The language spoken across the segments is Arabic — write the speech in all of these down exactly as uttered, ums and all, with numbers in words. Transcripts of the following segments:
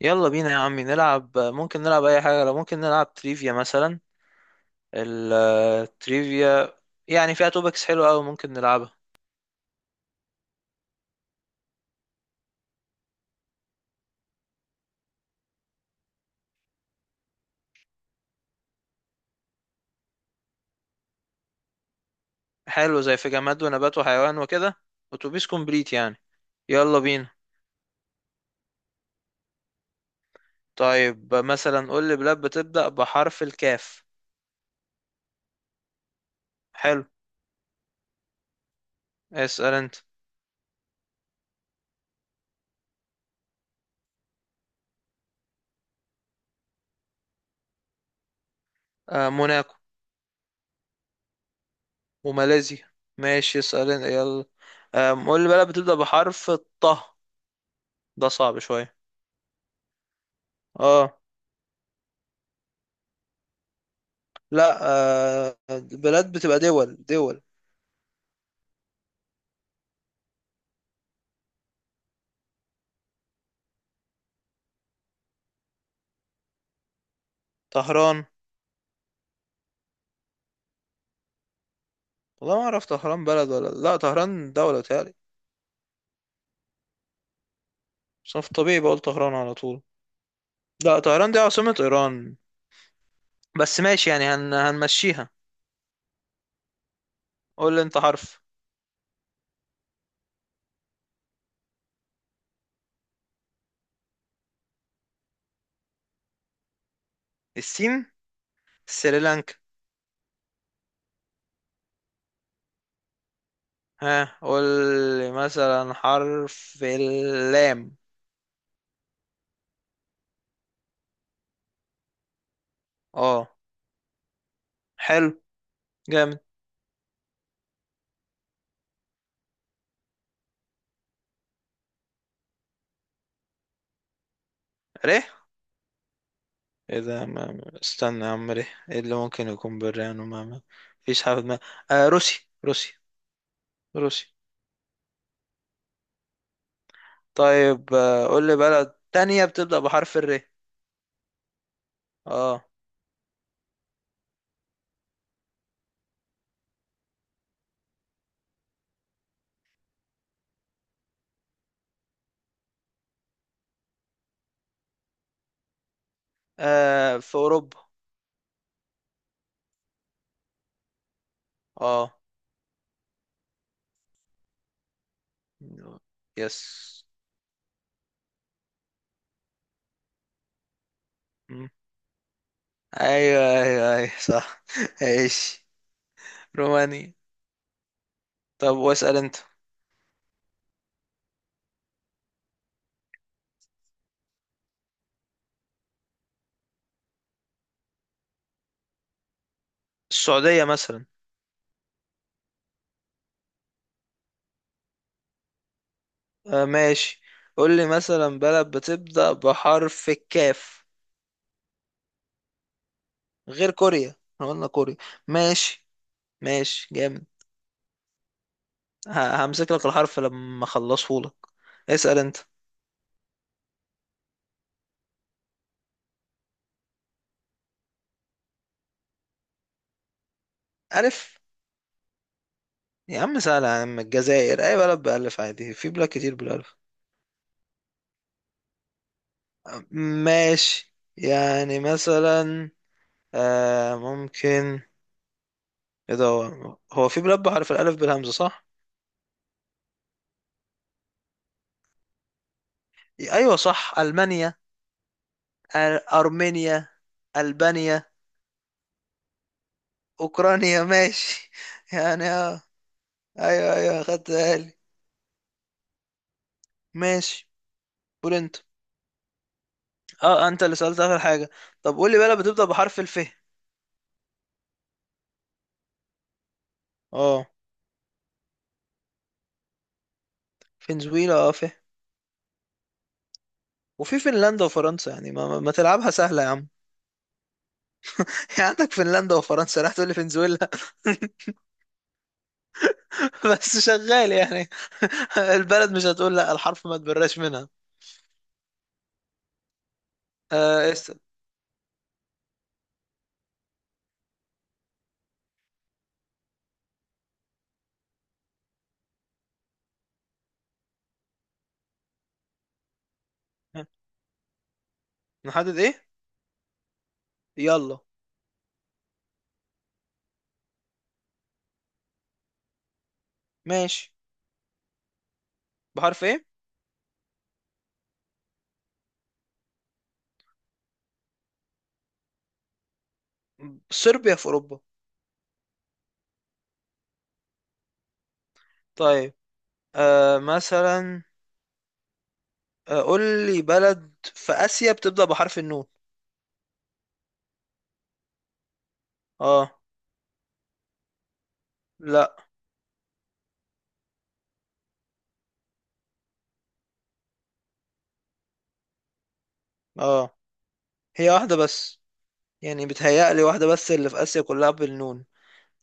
يلا بينا يا عمي نلعب، ممكن نلعب اي حاجه. لو ممكن نلعب تريفيا مثلا، التريفيا يعني فيها توبكس حلوه قوي، ممكن نلعبها. حلو، زي في جماد ونبات وحيوان وكده. اتوبيس كومبليت يعني. يلا بينا. طيب مثلا قول لي بلاد بتبدا بحرف الكاف. حلو. اسال انت. آه، موناكو. وماليزيا. ماشي، اسال انت يلا. آم، قول لي بلاد بتبدا بحرف الطه. ده صعب شويه. اه. لا. آه، بلاد بتبقى دول دول. طهران. والله ما اعرف طهران بلد ولا لا، طهران دولة تالي. بس انا في الطبيعي بقول طهران على طول. لا، طهران دي عاصمة ايران. بس ماشي يعني هن... هنمشيها. قول لي انت حرف. السين. سريلانكا. ها، قول لي مثلا حرف اللام. اه. حلو، جامد. ره. ايه ده ما... استنى يا عم، ره ايه اللي ممكن يكون بالرهان، وما ما فيش حاجة في دماغي. آه، روسي روسي روسي. طيب، آه، قول لي بلد تانية بتبدأ بحرف الر. اه. آه في اوروبا. اه. يس. مم. ايوه، ايوه، ايوه، صح. ايش. رومانيا. طب واسأل انت. السعودية مثلا. آه ماشي. قول لي مثلا بلد بتبدأ بحرف الكاف. غير كوريا، احنا قلنا كوريا. ماشي. ماشي جامد. ه- همسك لك الحرف لما اخلصه لك. اسأل انت. ألف. يا عم سهلة يا عم، الجزائر، أي بلد بألف عادي، في بلاد كتير بالألف. آه، ماشي يعني مثلا. آه ممكن. ايه ده هو هو في بلاد بحرف الألف بالهمزة صح؟ أيوة صح ألمانيا. آه، أرمينيا. ألبانيا. أوكرانيا ماشي، يعني اه. أيوة أيوة خدت بالي. ماشي. قول أنت. اه أنت اللي سألت آخر حاجة. طب قول لي بلد بتبدأ بحرف الف. اه. فنزويلا اه ف وفي فنلندا وفرنسا، يعني ما, ما ما تلعبها سهلة يا عم. يعني عندك فنلندا وفرنسا، راح تقول لي فنزويلا. بس شغال يعني. البلد مش هتقول، لا الحرف ما تبراش منها. آه است... نحدد ايه. يلا. ماشي. بحرف ايه. صربيا في اوروبا. طيب. آه مثلا. آه، قول لي بلد في اسيا بتبدأ بحرف النون. اه. لا. اه. هي واحدة بس، يعني بتهيألي واحدة بس اللي في اسيا كلها بالنون.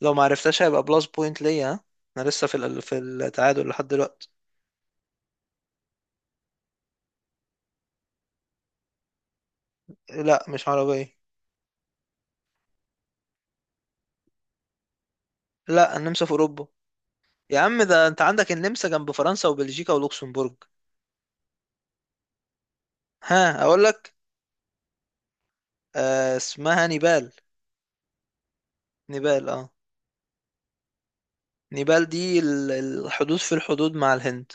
لو ما عرفتهاش هيبقى بلس بوينت ليا، ها؟ انا لسه في ال- في التعادل لحد دلوقتي. لا مش عربية. لا النمسا في اوروبا. يا عم ده انت عندك النمسا جنب فرنسا وبلجيكا ولوكسمبورج. ها اقول لك. آه اسمها نيبال. نيبال اه. نيبال دي ال- الحدود في الحدود مع الهند.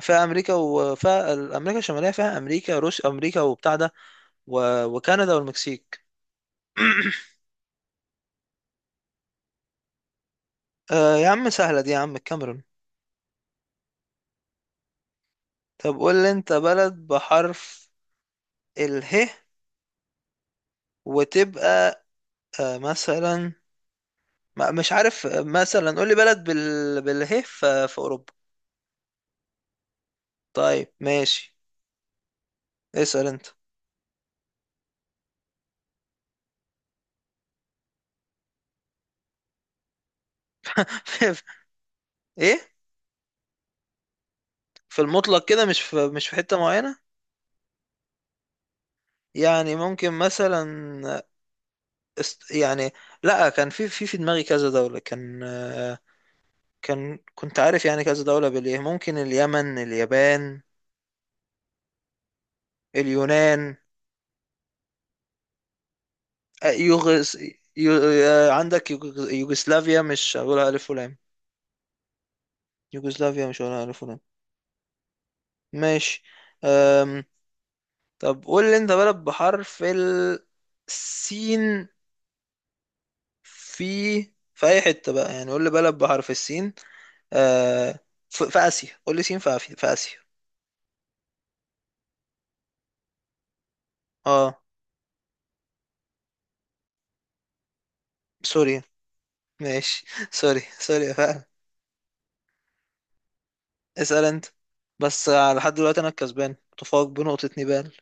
فيها امريكا وفيها امريكا الشماليه، فيها امريكا، روس امريكا وبتاع ده. و- وكندا والمكسيك. آه يا عم سهله دي يا عم، الكاميرون. طب قول لي انت بلد بحرف اله، وتبقى آه مثلا. ما- مش عارف. آه، مثلا قول لي بلد بال باله ف- في اوروبا. طيب ماشي. اسال انت. ايه. في المطلق كده، مش في مش في حته معينه. يعني ممكن مثلا. است... يعني. لا، كان في في في دماغي كذا دولة، كان آه، كان كنت عارف، يعني كذا دولة بالإيه، ممكن اليمن، اليابان، اليونان. آه، يوغس يو... آه، عندك يوغ- يوغسلافيا، مش هقولها ألف ولام. يوغسلافيا مش هقولها ألف ولام. ماشي. أم... طب قول لي أنت بلد بحرف السين. في في أي حتة بقى، يعني قول لي بلد بحرف السين. أه... في في آسيا، قول لي سين في آف- في آسيا. اه. سوري. ماشي، سوري، سوري، فعلا. اسأل انت. بس آه، لحد دلوقتي انا الكسبان، متفوق بنقطة، نيبال.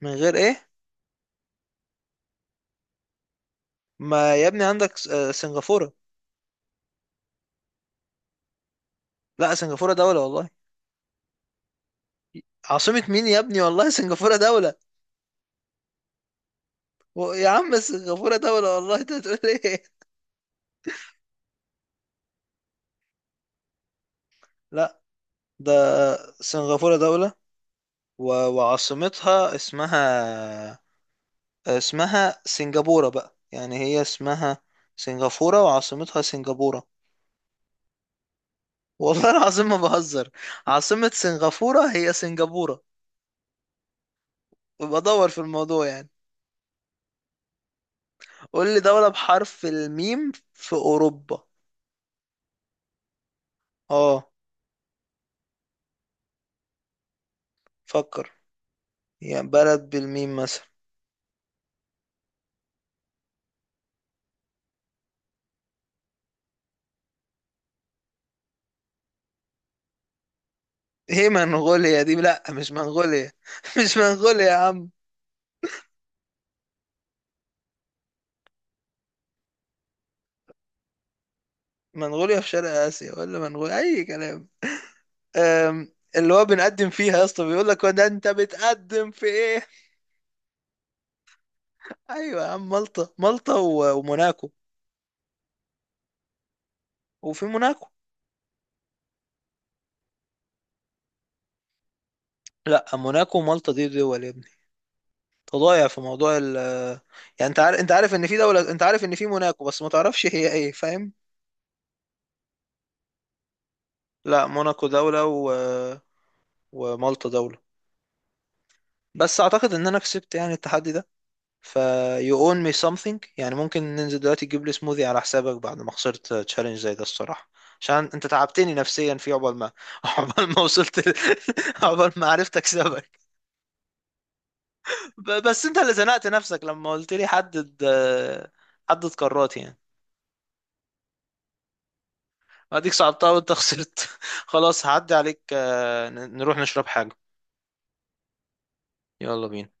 من غير ايه. ما يا ابني عندك س- آه، سنغافورة. لا سنغافورة دولة والله. عاصمة مين يا ابني، والله سنغافورة دولة. و- يا عم سنغافورة دولة والله، انت بتقول ايه؟ لا، ده سنغافورة دولة و... وعاصمتها اسمها، اسمها سنغافورة بقى، يعني هي اسمها سنغافورة وعاصمتها سنغافورة. والله العظيم ما بهزر، عاصمة سنغافورة هي سنغافورة. ويبقى دور في الموضوع يعني. قول لي دولة بحرف الميم في أوروبا. اه. فكر. يعني بلد بالميم مثلا. ايه منغوليا دي؟ لا مش منغوليا، مش منغوليا يا عم. منغوليا في شرق آسيا ولا منغوليا أي كلام. أم. اللي هو بنقدم فيها يا اسطى بيقول لك، هو ده انت بتقدم في ايه؟ ايوه يا عم، مالطا مالطا و- وموناكو. وفي موناكو. لا موناكو ومالطا دي دول يا ابني. تضايع في موضوع ال. يعني انت عارف، انت عارف ان في دولة، انت عارف ان في موناكو، بس ما تعرفش هي ايه، فاهم. لا موناكو دولة و... ومالطا دولة. بس اعتقد ان انا كسبت يعني التحدي ده. ف you own me something، يعني ممكن ننزل دلوقتي تجيب لي سموذي على حسابك بعد ما خسرت تشالنج زي ده الصراحة. عشان انت تعبتني نفسيا، في عقبال ما عقبال ما وصلت ل- عقبال ما عرفت اكسبك. ب- بس انت اللي زنقت نفسك لما قلت لي حدد. حدد قارات يعني. اديك صعبتها وانت خسرت. خلاص هعدي عليك، آه، ن- نروح نشرب حاجة. يلا بينا.